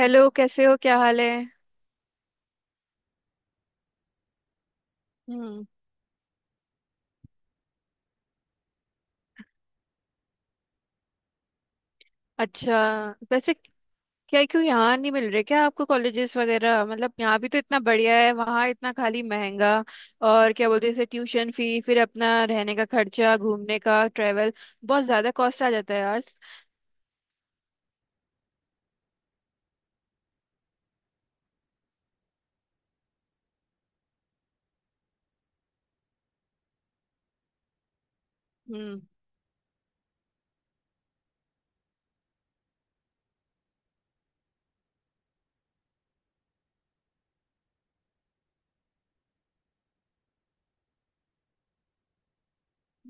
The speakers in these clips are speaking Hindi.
हेलो, कैसे हो? क्या हाल है? हम्म। अच्छा। वैसे क्या क्यों यहाँ नहीं मिल रहे क्या आपको कॉलेजेस वगैरह? मतलब यहाँ भी तो इतना बढ़िया है, वहाँ इतना खाली महंगा। और क्या बोलते हैं, जैसे ट्यूशन फी, फिर अपना रहने का खर्चा, घूमने का ट्रेवल, बहुत ज़्यादा कॉस्ट आ जाता है यार। हम्म।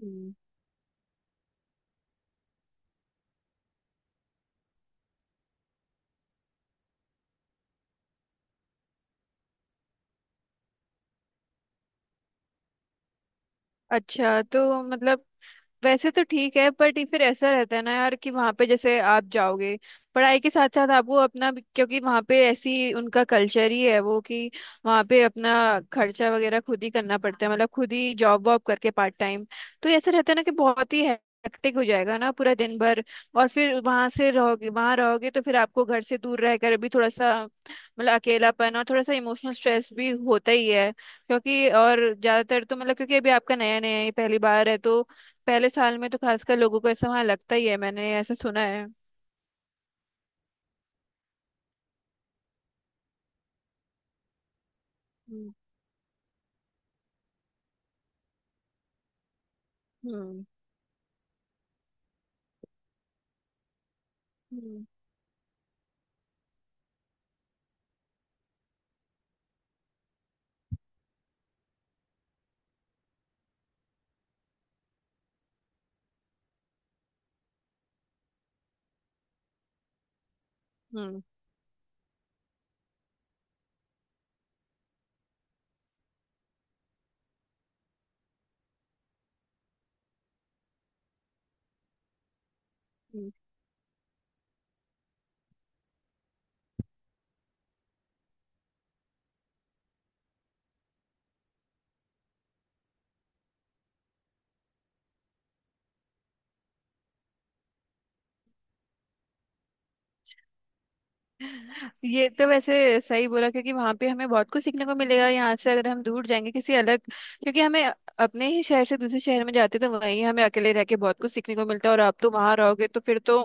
हम्म। अच्छा तो मतलब, वैसे तो ठीक है, बट ये फिर ऐसा रहता है ना यार कि वहाँ पे जैसे आप जाओगे, पढ़ाई के साथ साथ आपको अपना क्योंकि वहाँ पे ऐसी उनका कल्चर ही है वो, कि वहाँ पे अपना खर्चा वगैरह खुद ही करना पड़ता है, मतलब खुद ही जॉब वॉब करके पार्ट टाइम। तो ऐसा रहता है ना कि बहुत ही हेक्टिक हो जाएगा ना पूरा दिन भर। और फिर वहाँ रहोगे तो फिर आपको घर से दूर रहकर भी थोड़ा सा मतलब अकेलापन और थोड़ा सा इमोशनल स्ट्रेस भी होता ही है, क्योंकि और ज्यादातर तो मतलब क्योंकि अभी आपका नया नया है, पहली बार है, तो पहले साल में तो खासकर लोगों को ऐसा वहां लगता ही है, मैंने ऐसा सुना है। हम्म, हम्म, हम्म, हम्म, हम्म। ये तो वैसे सही बोला, क्योंकि वहां पे हमें बहुत कुछ सीखने को मिलेगा, यहाँ से अगर हम दूर जाएंगे किसी अलग, क्योंकि हमें अपने ही शहर से दूसरे शहर में जाते तो वहीं हमें अकेले रह के बहुत कुछ सीखने को मिलता है, और आप तो वहां रहोगे तो फिर तो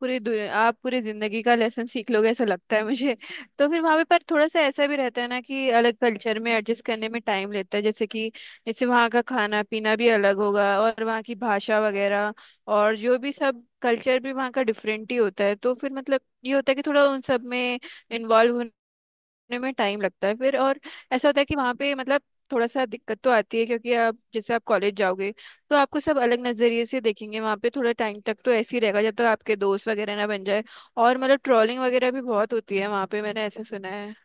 पूरी दुनिया, आप पूरी जिंदगी का लेसन सीख लोगे, ऐसा लगता है मुझे। तो फिर वहां पे पर थोड़ा सा ऐसा भी रहता है ना कि अलग कल्चर में एडजस्ट करने में टाइम लेता है, जैसे कि, जैसे वहाँ का खाना पीना भी अलग होगा, और वहाँ की भाषा वगैरह और जो भी सब कल्चर भी वहाँ का डिफरेंट ही होता है, तो फिर मतलब ये होता है कि थोड़ा उन सब में इन्वॉल्व करने में टाइम लगता है फिर, और ऐसा होता है कि वहाँ पे मतलब थोड़ा सा दिक्कत तो आती है क्योंकि आप जैसे आप कॉलेज जाओगे तो आपको सब अलग नज़रिए से देखेंगे वहाँ पे, थोड़ा टाइम तक तो ऐसे ही रहेगा जब तक आपके दोस्त वगैरह ना बन जाए। और मतलब ट्रोलिंग वगैरह भी बहुत होती है वहाँ पे, मैंने ऐसा सुना है।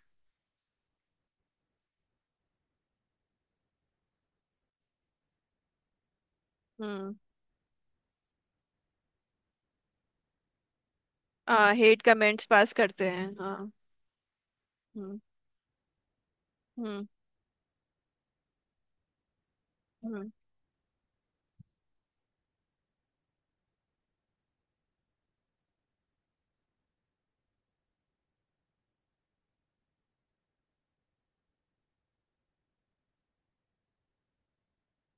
हम्म। हाँ, हेट कमेंट्स पास करते हैं, हाँ। हम्म, हम्म, हम्म,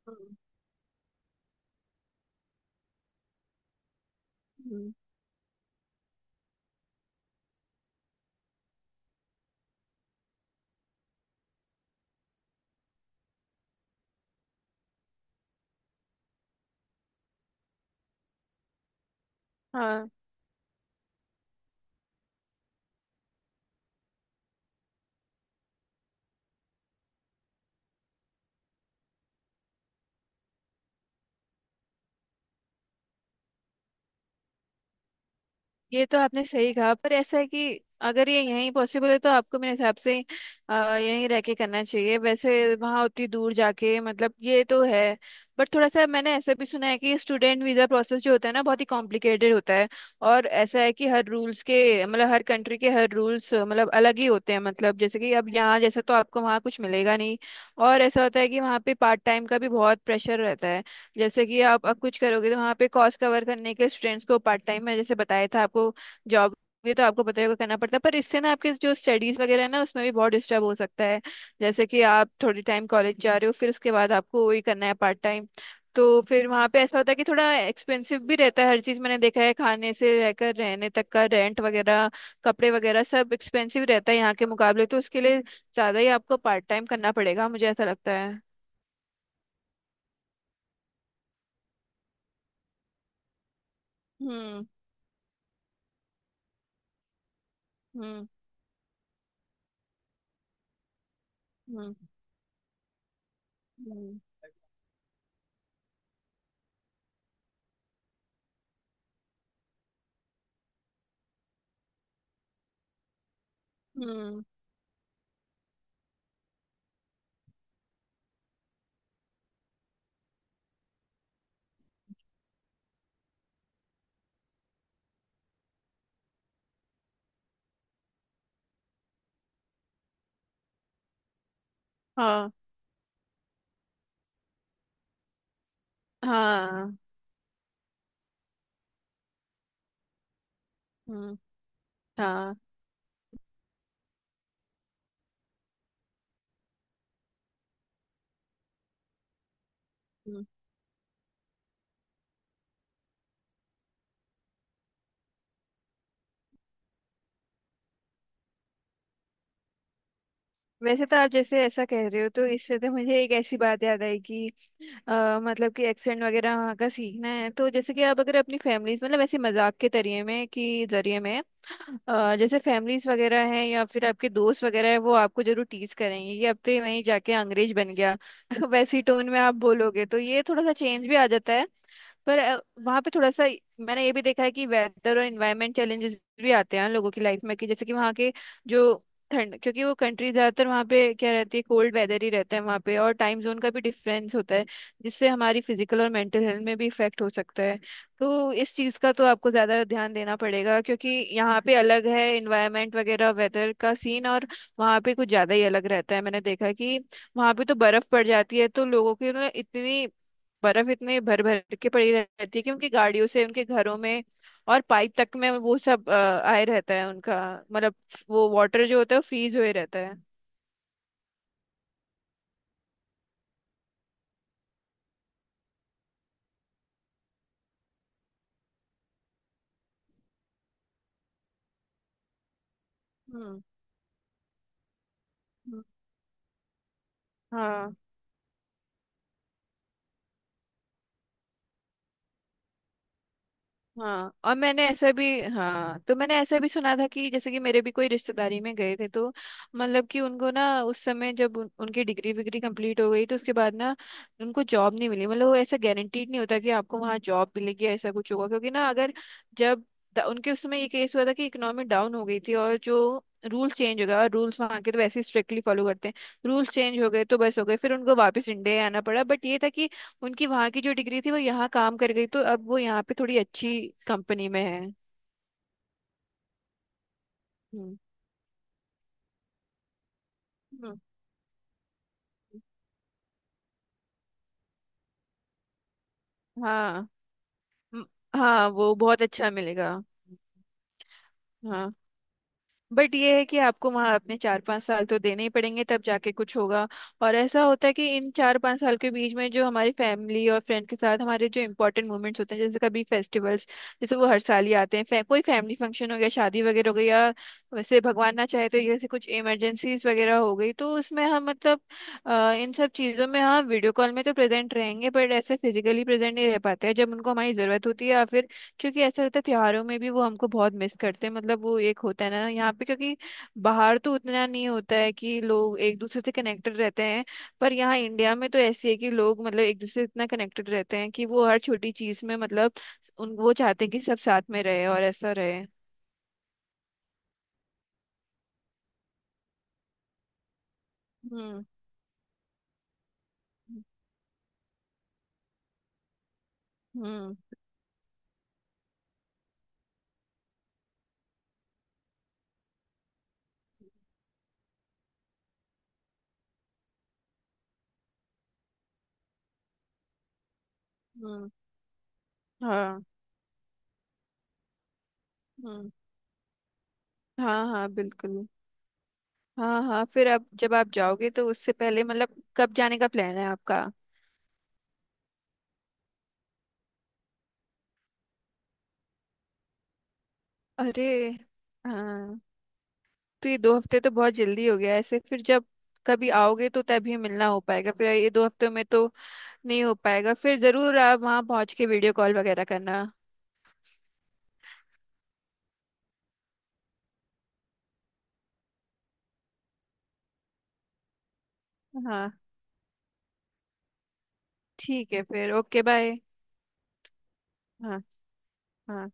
हम्म, हम्म, हाँ। ये तो आपने सही कहा, पर ऐसा है कि अगर ये यहीं पॉसिबल है तो आपको मेरे हिसाब से यहीं रह के करना चाहिए, वैसे वहाँ उतनी दूर जाके मतलब, ये तो है। बट थोड़ा सा मैंने ऐसा भी सुना है कि स्टूडेंट वीज़ा प्रोसेस जो होता है ना, बहुत ही कॉम्प्लिकेटेड होता है। और ऐसा है कि हर रूल्स के, मतलब हर कंट्री के हर रूल्स मतलब अलग ही होते हैं, मतलब जैसे कि अब यहाँ जैसा तो आपको वहाँ कुछ मिलेगा नहीं। और ऐसा होता है कि वहाँ पे पार्ट टाइम का भी बहुत प्रेशर रहता है। जैसे कि आप अब कुछ करोगे तो वहाँ पे कॉस्ट कवर करने के, स्टूडेंट्स को पार्ट टाइम में जैसे बताया था आपको, जॉब भी तो आपको पता ही होगा करना पड़ता है, पर इससे ना आपके जो स्टडीज वगैरह है ना उसमें भी बहुत डिस्टर्ब हो सकता है। जैसे कि आप थोड़ी टाइम कॉलेज जा रहे हो, फिर उसके बाद आपको वही करना है पार्ट टाइम। तो फिर वहाँ पे ऐसा होता है कि थोड़ा एक्सपेंसिव भी रहता है हर चीज़, मैंने देखा है खाने से रहकर रहने तक का रेंट वगैरह, कपड़े वगैरह सब एक्सपेंसिव रहता है यहाँ के मुकाबले, तो उसके लिए ज़्यादा ही आपको पार्ट टाइम करना पड़ेगा मुझे ऐसा लगता है। हम्म, हम्म, हम्म, हम्म, हम्म, हाँ, हाँ, हम्म, हाँ, हम्म। वैसे तो आप जैसे ऐसा कह रहे हो, तो इससे तो मुझे एक ऐसी बात याद आई कि मतलब कि एक्सेंट वगैरह वहाँ का सीखना है, तो जैसे कि आप अगर अपनी फैमिलीज, मतलब ऐसे मजाक के तरीके में कि जरिए में, जैसे फैमिलीज वगैरह है या फिर आपके दोस्त वगैरह है, वो आपको जरूर टीज करेंगे कि अब तो ये वहीं जाके अंग्रेज बन गया, वैसी टोन में आप बोलोगे तो ये थोड़ा सा चेंज भी आ जाता है। पर वहाँ पे थोड़ा सा, मैंने ये भी देखा है कि वेदर और इन्वायरमेंट चैलेंजेस भी आते हैं लोगों की लाइफ में, कि जैसे कि वहाँ के जो ठंड, क्योंकि वो कंट्री ज्यादातर वहाँ पे क्या रहती है, कोल्ड वेदर ही रहता है वहाँ पे, और टाइम जोन का भी डिफरेंस होता है जिससे हमारी फिजिकल और मेंटल हेल्थ में भी इफेक्ट हो सकता है। तो इस चीज़ का तो आपको ज़्यादा ध्यान देना पड़ेगा, क्योंकि यहाँ पे अलग है इन्वायरमेंट वगैरह, वेदर का सीन, और वहाँ पे कुछ ज़्यादा ही अलग रहता है, मैंने देखा कि वहाँ पे तो बर्फ़ पड़ जाती है तो लोगों की ना, इतनी बर्फ़ इतनी भर भर के पड़ी रहती है कि उनकी गाड़ियों से, उनके घरों में और पाइप तक में वो सब आए रहता है उनका, मतलब वो वाटर जो होता है वो फ्रीज हुए रहता है। हम्म, हम्म, हाँ। हाँ, और मैंने ऐसा भी, हाँ तो मैंने ऐसा भी सुना था कि जैसे कि मेरे भी कोई रिश्तेदारी में गए थे तो, मतलब कि उनको ना उस समय जब उनकी डिग्री विग्री कंप्लीट हो गई तो उसके बाद ना उनको जॉब नहीं मिली, मतलब वो ऐसा गारंटीड नहीं होता कि आपको वहाँ जॉब मिलेगी, ऐसा कुछ होगा, क्योंकि ना, अगर जब उनके उस समय ये केस हुआ था कि इकोनॉमी डाउन हो गई थी और जो रूल चेंज हो गया, और रूल्स वहाँ के तो वैसे ही स्ट्रिक्टली फॉलो करते हैं, रूल्स चेंज हो गए तो बस हो गए, फिर उनको वापस इंडिया आना पड़ा। बट ये था कि उनकी वहां की जो डिग्री थी वो यहाँ काम कर गई, तो अब वो यहाँ पे थोड़ी अच्छी कंपनी में है। हम्म। हम्म। हाँ। म- हाँ, वो बहुत अच्छा मिलेगा। हाँ, बट ये है कि आपको वहाँ अपने 4-5 साल तो देने ही पड़ेंगे, तब जाके कुछ होगा। और ऐसा होता है कि इन 4-5 साल के बीच में जो हमारी फैमिली और फ्रेंड के साथ हमारे जो इंपॉर्टेंट मोमेंट्स होते हैं जैसे कभी फेस्टिवल्स, जैसे वो हर साल ही आते हैं, कोई फैमिली फंक्शन हो गया, शादी वगैरह हो गई, या वैसे भगवान ना चाहे तो जैसे कुछ इमरजेंसीज वगैरह हो गई, तो उसमें हम मतलब इन सब चीज़ों में, हाँ वीडियो कॉल में तो प्रेजेंट रहेंगे बट ऐसे फिजिकली प्रेजेंट नहीं रह पाते हैं जब उनको हमारी ज़रूरत होती है, या फिर क्योंकि ऐसा रहता है त्योहारों में भी वो हमको बहुत मिस करते हैं, मतलब वो एक होता है ना यहाँ पे, क्योंकि बाहर तो उतना नहीं होता है कि लोग एक दूसरे से कनेक्टेड रहते हैं, पर यहाँ इंडिया में तो ऐसी है कि लोग मतलब एक दूसरे से इतना कनेक्टेड रहते हैं कि वो हर छोटी चीज में मतलब उन वो चाहते हैं कि सब साथ में रहे और ऐसा रहे। हम्म, हम्म, हम्म, हाँ, हम्म, हाँ, हाँ, बिल्कुल, हाँ, हाँ। फिर आप जब आप जाओगे तो उससे पहले मतलब कब जाने का प्लान है आपका? अरे, हाँ, तो ये 2 हफ्ते तो बहुत जल्दी हो गया, ऐसे फिर जब कभी आओगे तो तभी मिलना हो पाएगा, फिर ये 2 हफ्तों में तो नहीं हो पाएगा, फिर जरूर आप वहाँ पहुँच के वीडियो कॉल वगैरह करना। हाँ, ठीक है, फिर ओके बाय। हाँ, हाँ।